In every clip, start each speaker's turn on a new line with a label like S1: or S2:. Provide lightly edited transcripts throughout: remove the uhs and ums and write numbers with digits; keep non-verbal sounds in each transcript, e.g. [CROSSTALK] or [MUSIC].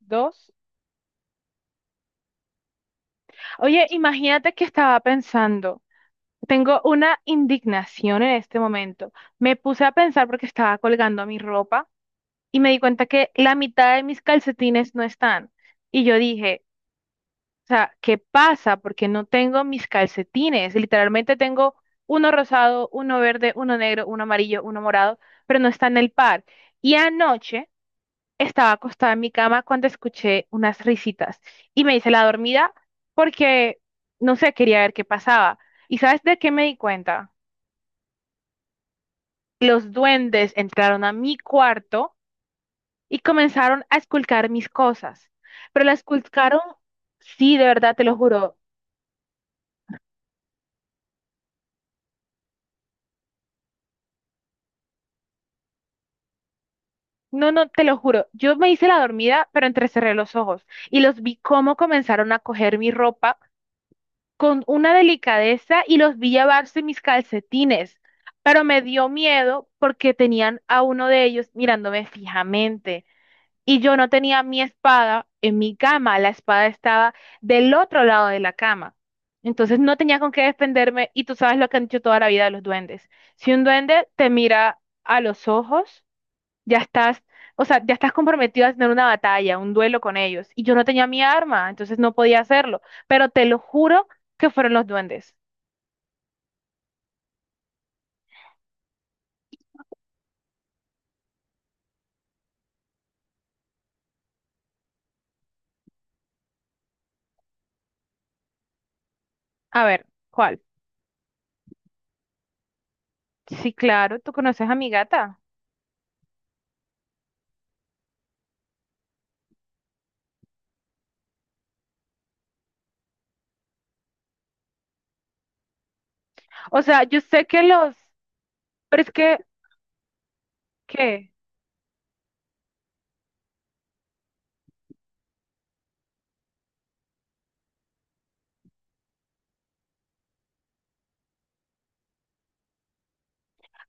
S1: Dos. Oye, imagínate que estaba pensando. Tengo una indignación en este momento. Me puse a pensar porque estaba colgando mi ropa y me di cuenta que la mitad de mis calcetines no están. Y yo dije, o sea, ¿qué pasa? Porque no tengo mis calcetines. Literalmente tengo uno rosado, uno verde, uno negro, uno amarillo, uno morado, pero no está en el par. Y anoche, estaba acostada en mi cama cuando escuché unas risitas y me hice la dormida porque, no sé, quería ver qué pasaba. ¿Y sabes de qué me di cuenta? Los duendes entraron a mi cuarto y comenzaron a esculcar mis cosas. Pero la esculcaron, sí, de verdad, te lo juro. No, no, te lo juro. Yo me hice la dormida, pero entrecerré los ojos y los vi cómo comenzaron a coger mi ropa con una delicadeza y los vi llevarse mis calcetines, pero me dio miedo porque tenían a uno de ellos mirándome fijamente y yo no tenía mi espada en mi cama, la espada estaba del otro lado de la cama. Entonces no tenía con qué defenderme y tú sabes lo que han dicho toda la vida de los duendes. Si un duende te mira a los ojos, ya estás, o sea, ya estás comprometido a tener una batalla, un duelo con ellos. Y yo no tenía mi arma, entonces no podía hacerlo. Pero te lo juro que fueron los duendes. A ver, ¿cuál? Sí, claro, tú conoces a mi gata. O sea, yo sé que los, pero es que, ¿qué?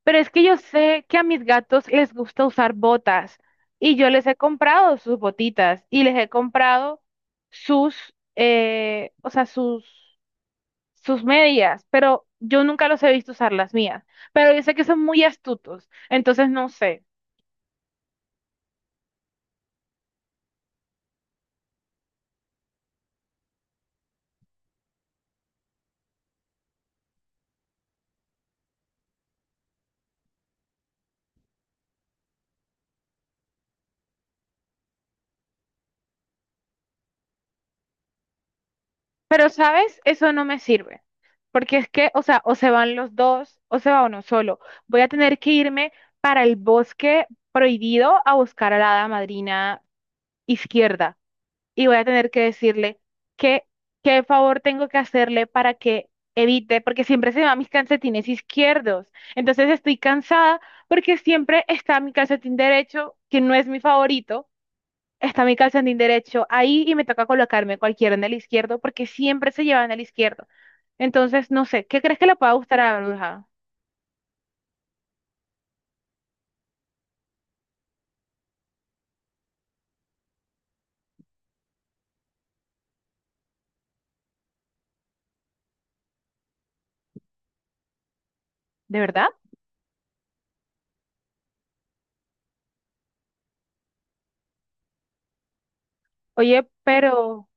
S1: Pero es que yo sé que a mis gatos les gusta usar botas y yo les he comprado sus botitas y les he comprado sus, o sea, sus medias, pero yo nunca los he visto usar las mías. Pero yo sé que son muy astutos, entonces no sé. Pero, ¿sabes? Eso no me sirve. Porque es que, o sea, o se van los dos, o se va uno solo. Voy a tener que irme para el bosque prohibido a buscar a la hada madrina izquierda. Y voy a tener que decirle qué, qué favor tengo que hacerle para que evite, porque siempre se va mis calcetines izquierdos. Entonces estoy cansada porque siempre está mi calcetín derecho, que no es mi favorito, está mi calcetín derecho ahí y me toca colocarme cualquiera en el izquierdo porque siempre se llevan el izquierdo. Entonces, no sé, ¿qué crees que le pueda gustar a la bruja? ¿De verdad? Oye, pero,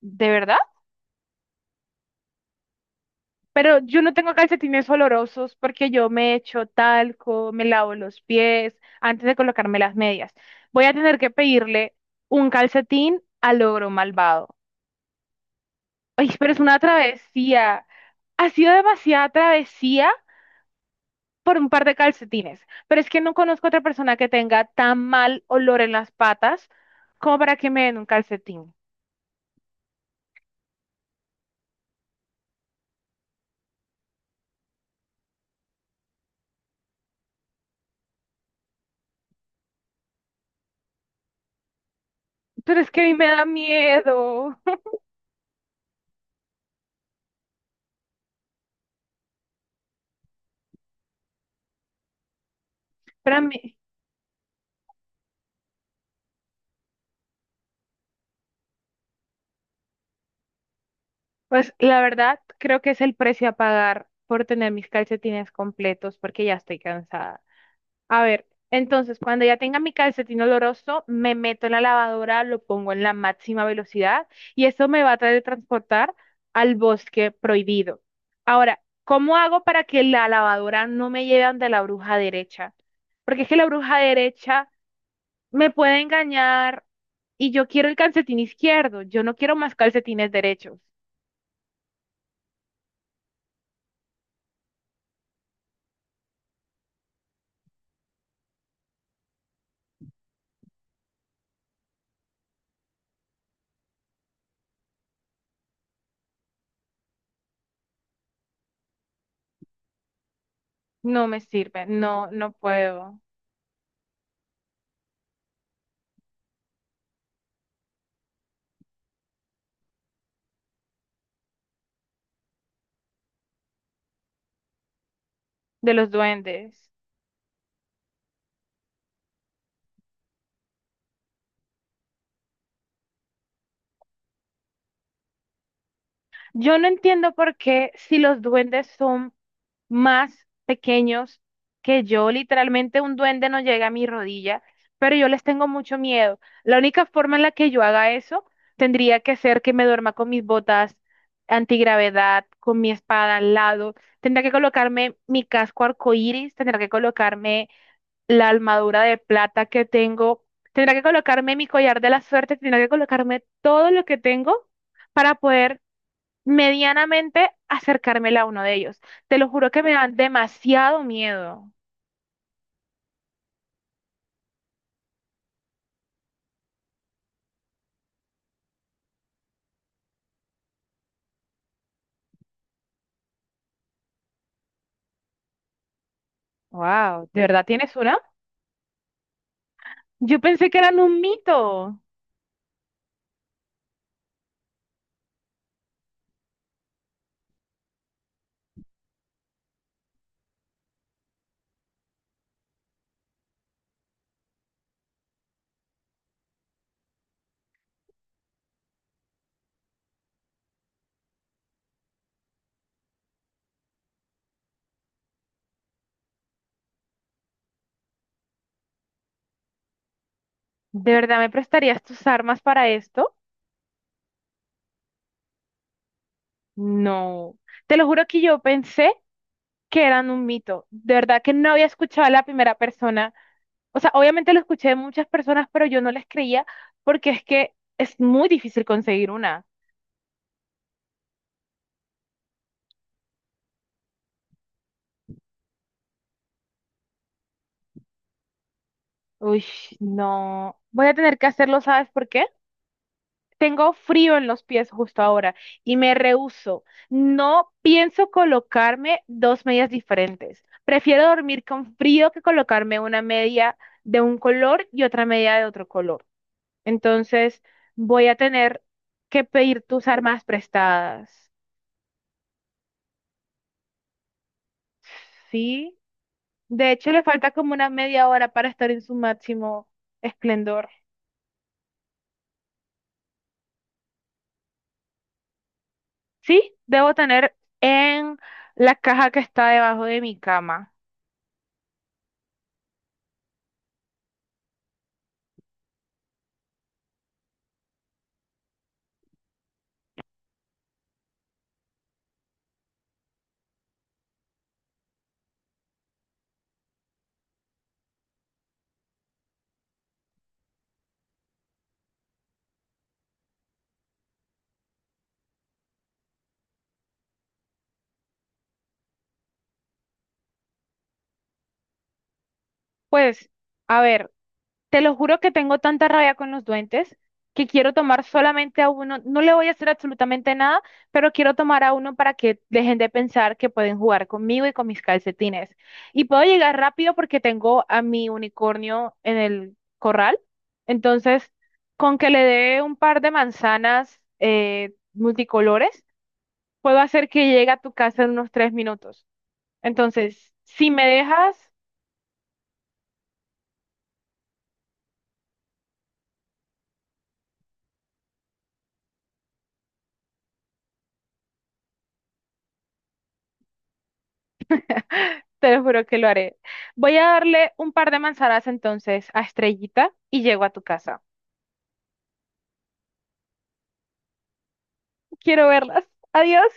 S1: ¿de verdad? Pero yo no tengo calcetines olorosos porque yo me echo talco, me lavo los pies antes de colocarme las medias. Voy a tener que pedirle un calcetín al ogro malvado. Ay, pero es una travesía. Ha sido demasiada travesía por un par de calcetines. Pero es que no conozco otra persona que tenga tan mal olor en las patas como para que me den un calcetín. Pero es que a mí me da miedo. [LAUGHS] Pero a mí- Pues la verdad, creo que es el precio a pagar por tener mis calcetines completos porque ya estoy cansada. A ver, entonces cuando ya tenga mi calcetín oloroso, me meto en la lavadora, lo pongo en la máxima velocidad y eso me va a traer transportar al bosque prohibido. Ahora, ¿cómo hago para que la lavadora no me lleve ante la bruja derecha? Porque es que la bruja derecha me puede engañar y yo quiero el calcetín izquierdo, yo no quiero más calcetines derechos. No me sirve, no, no puedo. De los duendes. Yo no entiendo por qué si los duendes son más pequeños que yo, literalmente un duende no llega a mi rodilla, pero yo les tengo mucho miedo. La única forma en la que yo haga eso tendría que ser que me duerma con mis botas antigravedad, con mi espada al lado, tendría que colocarme mi casco arcoíris, tendría que colocarme la armadura de plata que tengo. Tendrá que colocarme mi collar de la suerte, tendrá que colocarme todo lo que tengo para poder medianamente acercarme a uno de ellos. Te lo juro que me dan demasiado miedo. Wow, ¿de verdad tienes una? Yo pensé que eran un mito. ¿De verdad me prestarías tus armas para esto? No. Te lo juro que yo pensé que eran un mito. De verdad que no había escuchado a la primera persona. O sea, obviamente lo escuché de muchas personas, pero yo no les creía porque es que es muy difícil conseguir una. Uy, no. Voy a tener que hacerlo, ¿sabes por qué? Tengo frío en los pies justo ahora y me rehúso. No pienso colocarme dos medias diferentes. Prefiero dormir con frío que colocarme una media de un color y otra media de otro color. Entonces, voy a tener que pedir tus armas prestadas. ¿Sí? De hecho, le falta como una media hora para estar en su máximo esplendor. Sí, debo tener en la caja que está debajo de mi cama. Pues, a ver, te lo juro que tengo tanta rabia con los duendes que quiero tomar solamente a uno. No le voy a hacer absolutamente nada, pero quiero tomar a uno para que dejen de pensar que pueden jugar conmigo y con mis calcetines. Y puedo llegar rápido porque tengo a mi unicornio en el corral. Entonces, con que le dé un par de manzanas multicolores, puedo hacer que llegue a tu casa en unos 3 minutos. Entonces, si me dejas... Te lo juro que lo haré. Voy a darle un par de manzanas entonces a Estrellita y llego a tu casa. Quiero verlas. Adiós.